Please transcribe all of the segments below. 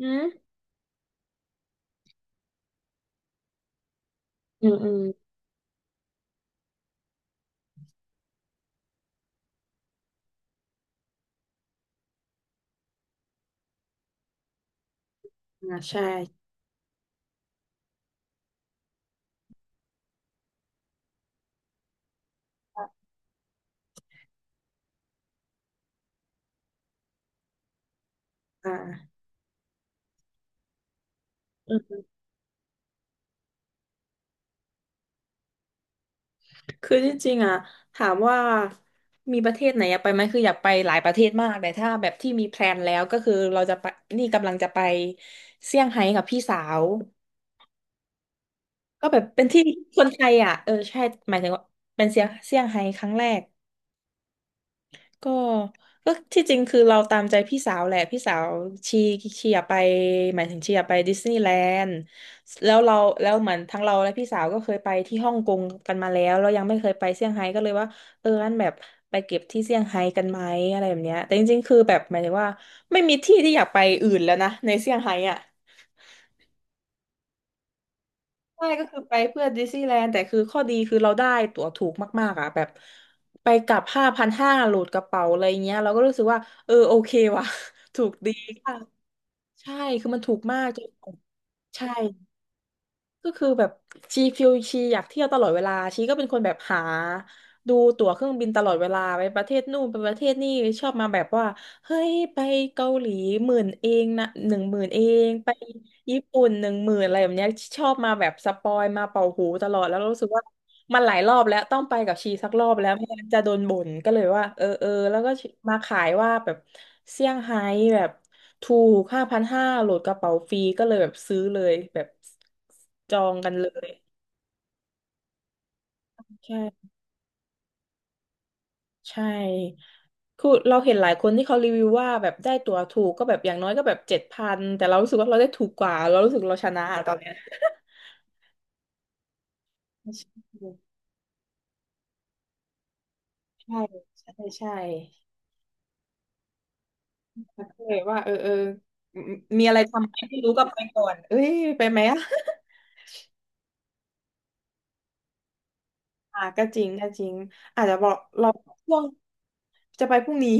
อืมอืมอืมอ่าใช่อ่าอืมคือจริงๆอ่ะถามว่ามีประเทศไหนอยากไปไหมคืออยากไปหลายประเทศมากแต่ถ้าแบบที่มีแพลนแล้วก็คือเราจะไปนี่กำลังจะไปเซี่ยงไฮ้กับพี่สาวก็แบบเป็นที่คนไทยอ่ะเออใช่หมายถึงว่าเป็นเซี่ยงไฮ้ครั้งแรก ก็ก็ที่จริงคือเราตามใจพี่สาวแหละพี่สาวชีชีอยากไปหมายถึงชีอยากไปดิสนีย์แลนด์แล้วเราแล้วเหมือนทั้งเราและพี่สาวก็เคยไปที่ฮ่องกงกันมาแล้วเรายังไม่เคยไปเซี่ยงไฮ้ก็เลยว่าเอองั้นแบบไปเก็บที่เซี่ยงไฮ้กันไหมอะไรแบบเนี้ยแต่จริงๆคือแบบหมายถึงว่าไม่มีที่ที่อยากไปอื่นแล้วนะในเซี่ยงไฮ้อ่ะ ใช่ก็คือไปเพื่อดิสนีย์แลนด์แต่คือข้อดีคือเราได้ตั๋วถูกมากๆอ่ะแบบไปกลับห้าพันห้าโหลดกระเป๋าอะไรเงี้ยเราก็รู้สึกว่าเออโอเคว่ะ ถูกดีค่ะใช่คือมันถูกมากจนใช่ ก็คือแบบชีฟิลชีอยากเที่ยวตลอดเวลาชีก็เป็นคนแบบหาดูตั๋วเครื่องบินตลอดเวลาไปประเทศนู่นไปประเทศนี่ชอบมาแบบว่าเฮ้ยไปเกาหลีหมื่นเองนะหนึ่งหมื่นเองไปญี่ปุ่นหนึ่งหมื่นอะไรแบบเนี้ยชอบมาแบบสปอยมาเป่าหูตลอดแล้วรู้สึกว่ามันหลายรอบแล้วต้องไปกับชีสักรอบแล้วไม่งั้นจะโดนบ่นก็เลยว่าเออเออแล้วก็มาขายว่าแบบเซี่ยงไฮ้แบบ ถูกห้าพันห้าโหลดกระเป๋าฟรีก็เลยแบบซื้อเลยแบบจองกันเลย ใช่ใช่คือเราเห็นหลายคนที่เขารีวิวว่าแบบได้ตั๋วถูกก็แบบอย่างน้อยก็แบบ7,000แต่เรารู้สึกว่าเราได้ถูกกว่าเรารู้สึกเราชนะอะตอนเนี้ย ใช่ใช่ใช่ใช่แล้วก็เลยว่าเออเออมมีอะไรทำไหมที่รู้ก็ไปก่อนเอ้ยไปไหมอะ อ่ะก็จริงก็จริงอาจจะบอกเราช่วงจะไปพรุ่งนี้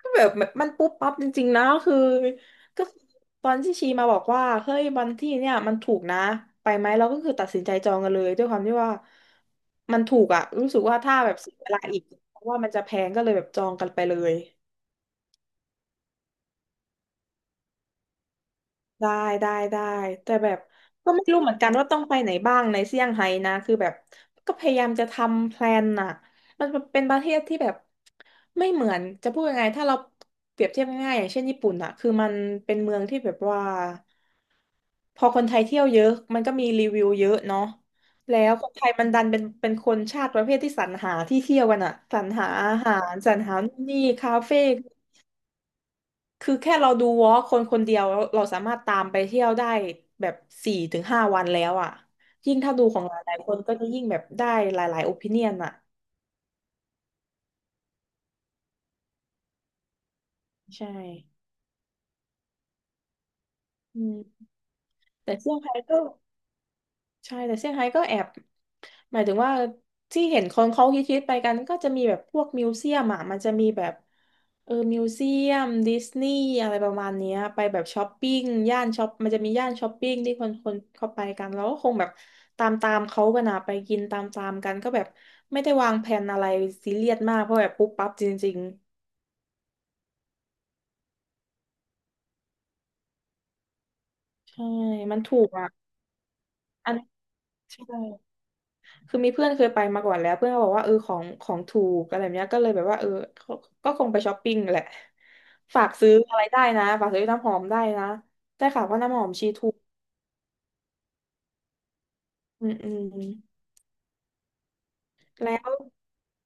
ก็แบบมันปุ๊บปั๊บจริงๆนะคือก็คือตอนที่ชีมาบอกว่าเฮ้ยวันที่เนี่ยมันถูกนะไปไหมเราก็คือตัดสินใจจองกันเลยด้วยความที่ว่ามันถูกอะรู้สึกว่าถ้าแบบเสียเวลาอีกเพราะว่ามันจะแพงก็เลยแบบจองกันไปเลย ได้ได้ได้แต่แบบก็ไม่รู้เหมือนกันว่าต้องไปไหนบ้างในเซี่ยงไฮ้นะคือแบบก็พยายามจะทำแพลนน่ะมันเป็นประเทศที่แบบไม่เหมือนจะพูดยังไงถ้าเราเปรียบเทียบง่ายๆอย่างเช่นญี่ปุ่นน่ะคือมันเป็นเมืองที่แบบว่าพอคนไทยเที่ยวเยอะมันก็มีรีวิวเยอะเนาะแล้วคนไทยมันดันเป็นคนชาติประเภทที่สรรหาที่เที่ยวกันอะสรรหาอาหารสรรหานู่นนี่คาเฟ่ คือแค่เราดูวอล์กคนคนเดียวเราเราสามารถตามไปเที่ยวได้แบบสี่ถึงห้าวันแล้วอ่ะยิ่งถ้าดูของหลายๆคนก็จะยิ่งแบบได้หลายๆโอปิเนียนอ่ะใช่อืมแต่เซี่ยงไฮ้ก็ ใช่แต่เซี่ยงไฮ้ก็แอบหมายถึงว่าที่เห็นคนเขาคิตๆไปกันก็จะมีแบบพวกมิวเซียมอ่ะมันจะมีแบบเออมิวเซียมดิสนีย์อะไรประมาณเนี้ยไปแบบช้อปปิ้งย่านช้อปมันจะมีย่านช้อปปิ้งที่คนคนเข้าไปกันแล้วก็คงแบบตามตามเขากันอะไปกินตามตามกันก็แบบไม่ได้วางแผนอะไรซีเรียสมากเพราะแบบปุ๊บปั๊บจริงๆใช่ มันถูกอ่ะอันใช่ คือมีเพื่อนเคยไปมาก่อนแล้วเพื่อนก็บอกว่าเออของถูกอะไรแบบเนี้ยก็เลยแบบว่าเออก็ก็คงไปช้อปปิ้งแหละฝากซื้ออะไรได้นะฝากซื้อน้ำหอมได้นะได้ข่าวว่าน้ำหอมชีถูกอืมอืมแล้ว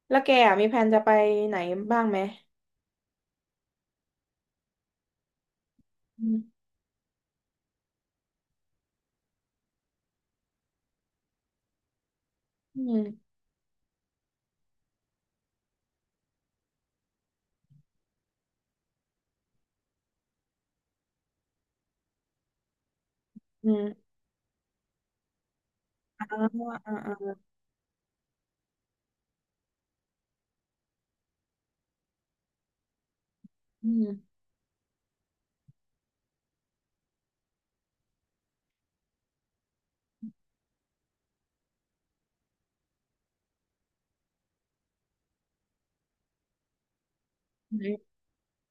แล้วแกอะมีแผนจะไปไหนบ้างไหมอืมอืมอืมอ่าอ่าอ่าอืมอืม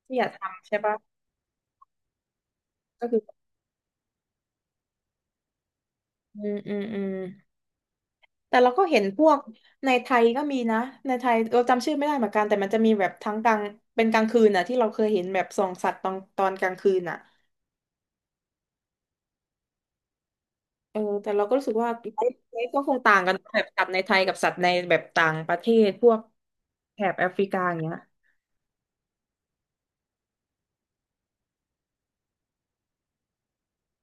ที่อยากทำใช่ปะก็คืออืมอืมอืม แต่เราก็เห็นพวกในไทยก็มีนะในไทยเราจำชื่อไม่ได้เหมือนกันแต่มันจะมีแบบทั้งกลางเป็นกลางคืนน่ะที่เราเคยเห็นแบบส่องสัตว์ตอนกลางคืนน่ะเออแต่เราก็รู้สึกว่าไซส์ไลฟ์ก็คงต่างกันแบบสัตว์ในไทยกับสัตว์ในแบบต่างประเทศพวกแถบแอฟริกาอย่างเงี้ย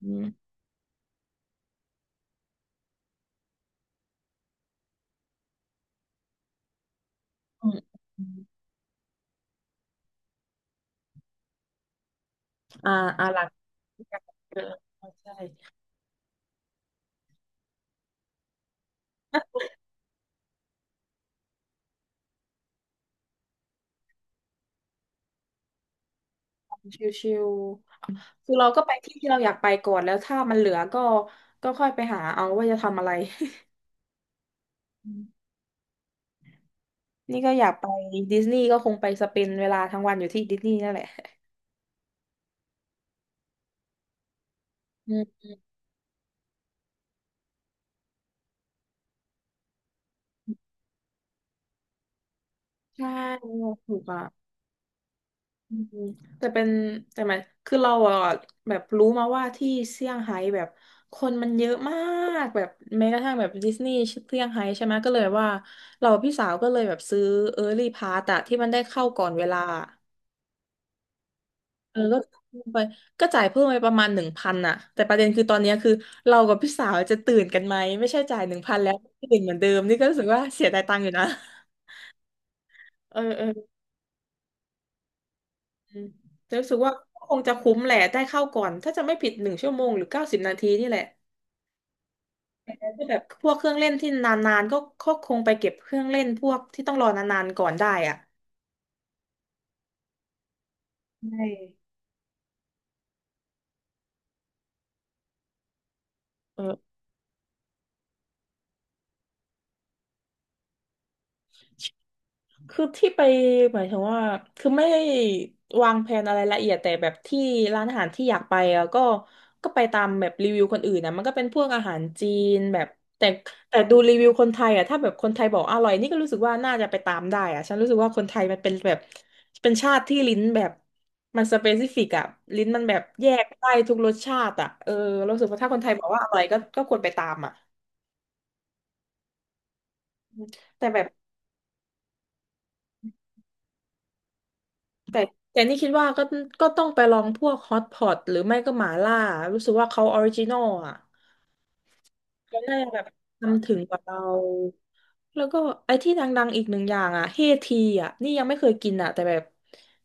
อืมอืมอืมอ่าหลักเออใช่ชิวๆคือเราก็ไปที่ที่เราอยากไปก่อนแล้วถ้ามันเหลือก็ค่อยไปหาเอาว่าจะทำอะไร นี่ก็อยากไปดิสนีย์ก็คงไปสเปนเวลาทั้งวันอยู่ที่ดิสนีย์นั่นแหละอืมใช่ถูกอ่ะอืมแต่เป็นแต่หมายคือเราอ่ะแบบรู้มาว่าที่เซี่ยงไฮ้แบบคนมันเยอะมากแบบแม้กระทั่งแบบดิสนีย์เซี่ยงไฮ้ใช่ไหมก็เลยว่าเราพี่สาวก็เลยแบบซื้อเออร์ลี่พาสอะที่มันได้เข้าก่อนเวลา เออก็จ่ายไปก็จ่ายเพิ่มไปประมาณหนึ่งพันอ่ะแต่ประเด็นคือตอนเนี้ยคือเรากับพี่สาวจะตื่นกันไหมไม่ใช่จ่ายหนึ่งพันแล้วตื่นเหมือนเดิมนี่ก็รู้สึกว่าเสียดายตังค์อยู่นะเออเออเออแต่รู้สึกว่าคงจะคุ้มแหละได้เข้าก่อนถ้าจะไม่ผิด1 ชั่วโมงหรือ90 นาทีนี่แหละก็แบบพวกเครื่องเล่นที่นานๆก็คงไปเก็บเครื่องเล่นพวกที่ต้องรอนานๆก่อนได้อ่ะใช่เออ คือที่ไปหมายถึงว่าคือไม่ได้วางแผนอะไรละเอียดแต่แบบที่ร้านอาหารที่อยากไปอะก็ไปตามแบบรีวิวคนอื่นนะมันก็เป็นพวกอาหารจีนแบบแต่แต่ดูรีวิวคนไทยอะถ้าแบบคนไทยบอกอร่อยนี่ก็รู้สึกว่าน่าจะไปตามได้อะฉันรู้สึกว่าคนไทยมันเป็นแบบเป็นชาติที่ลิ้นแบบมันสเปซิฟิกอะลิ้นมันแบบแยกได้ทุกรสชาติอะเออรู้สึกว่าถ้าคนไทยบอกว่าอร่อยก็ควรไปตามอะแต่แบบ แต่นี่คิดว่าก็ต้องไปลองพวกฮอตพอตหรือไม่ก็หมาล่ารู้สึกว่าเขาออริจินอลอ่ะเขาน่าจะแบบทำถึงกว่าเราแล้วก็ไอ้ที่ดังๆอีกหนึ่งอย่างอ่ะเฮทีอ่ะนี่ยังไม่เคยกินอ่ะแต่แบบ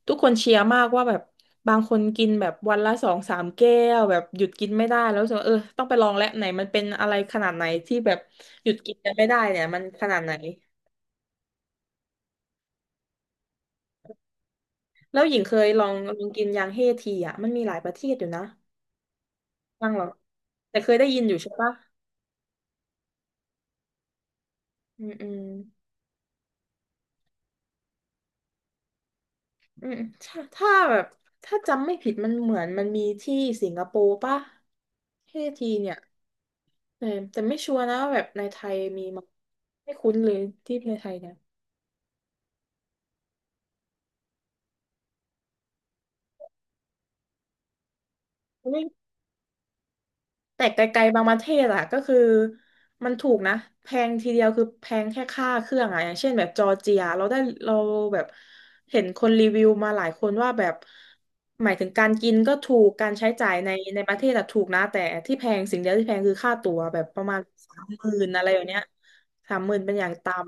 ทุกคนเชียร์มากว่าแบบบางคนกินแบบวันละ2-3 แก้วแบบหยุดกินไม่ได้แล้วรู้สึกว่าเออต้องไปลองแล้วไหนมันเป็นอะไรขนาดไหนที่แบบหยุดกินกันไม่ได้เนี่ยมันขนาดไหนแล้วหญิงเคยลองกินยางเฮทีอ่ะมันมีหลายประเทศอยู่นะ บัางหรอกแต่เคยได้ยินอยู่ใช่ปะอืมอืมอืมถ้าถ้าแบบถ้าจำไม่ผิดมันเหมือนมันมีที่สิงคโปร์ปะเที่ทีเนี่ยแต่แต่ไม่ชัวร์นะว่าแบบในไทยมีมั้ยไม่คุ้นเลยที่ในไทยเนี่ย แต่ไกลๆบางประเทศอะก็คือมันถูกนะแพงทีเดียวคือแพงแค่ค่าเครื่องอะอย่างเช่นแบบจอร์เจียเราแบบเห็นคนรีวิวมาหลายคนว่าแบบหมายถึงการกินก็ถูกการใช้จ่ายในประเทศอะถูกนะแต่ที่แพงสิ่งเดียวที่แพงคือค่าตั๋วแบบประมาณสามหมื่นอะไรอย่างเนี้ยสามหมื่นเป็นอย่างต่ำ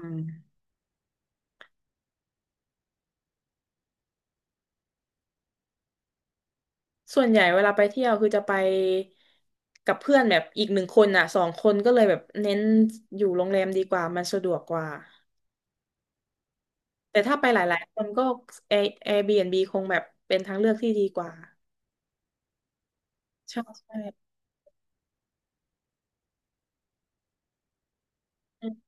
ส่วนใหญ่เวลาไปเที่ยวคือจะไปกับเพื่อนแบบอีก1 คนอะ2 คนก็เลยแบบเน้นอยู่โรงแรมดีกว่ามันสะดวกกว่า แต่ถ้าไปหลายๆคนก็ Airbnb คงแบบเป็นทางเลือกที่ดีกว่าใช่ใช่อืม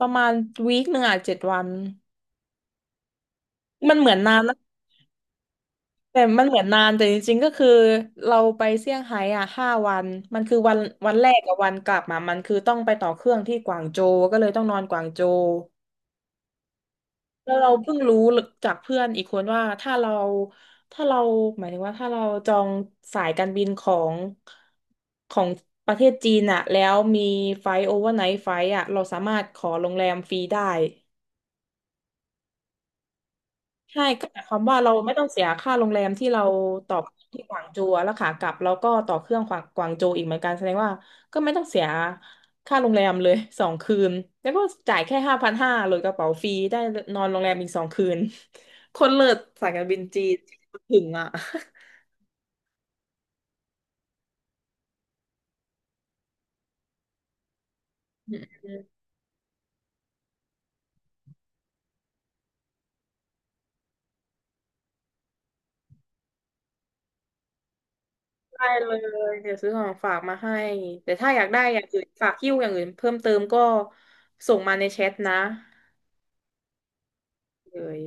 ประมาณวีคหนึ่งอ่ะ7 วันมันเหมือนนานนะแต่มันเหมือนนานแต่จริงๆ ก็คือเราไปเซี่ยงไฮ้อ่ะ5 วันมันคือวันวันแรกกับวันกลับมามันคือต้องไปต่อเครื่องที่กวางโจวก็เลยต้องนอนกวางโจว แล้วเราเพิ่งรู้จากเพื่อนอีกคนว่าถ้าเราหมายถึงว่าถ้าเราจองสายการบินของประเทศจีนอะแล้วมีไฟโอเวอร์ไนท์ไฟอะเราสามารถขอโรงแรมฟรีได้ ใช่ก็หมายความว่าเราไม่ต้องเสียค่าโรงแรมที่เราต่อที่กวางโจวแล้วขากลับเราก็ต่อเครื่องกวางโจวอีกเหมือนกันแสดงว่าก็ไม่ต้องเสียค่าโรงแรมเลยสองคืนแล้วก็จ่ายแค่5,500หลดกระเป๋าฟรีได้นอนโรงแรมอีกสองคืนคนเลิศสายการบินจีนถึงอ่ะได้เลยเดี๋ยวซื้อของฝากมาให้แต่ถ้าอยากได้อย่างอื่นฝากหิ้วอย่างอื่นเพิ่มเติมก็ส่งมาในแชทนะเลย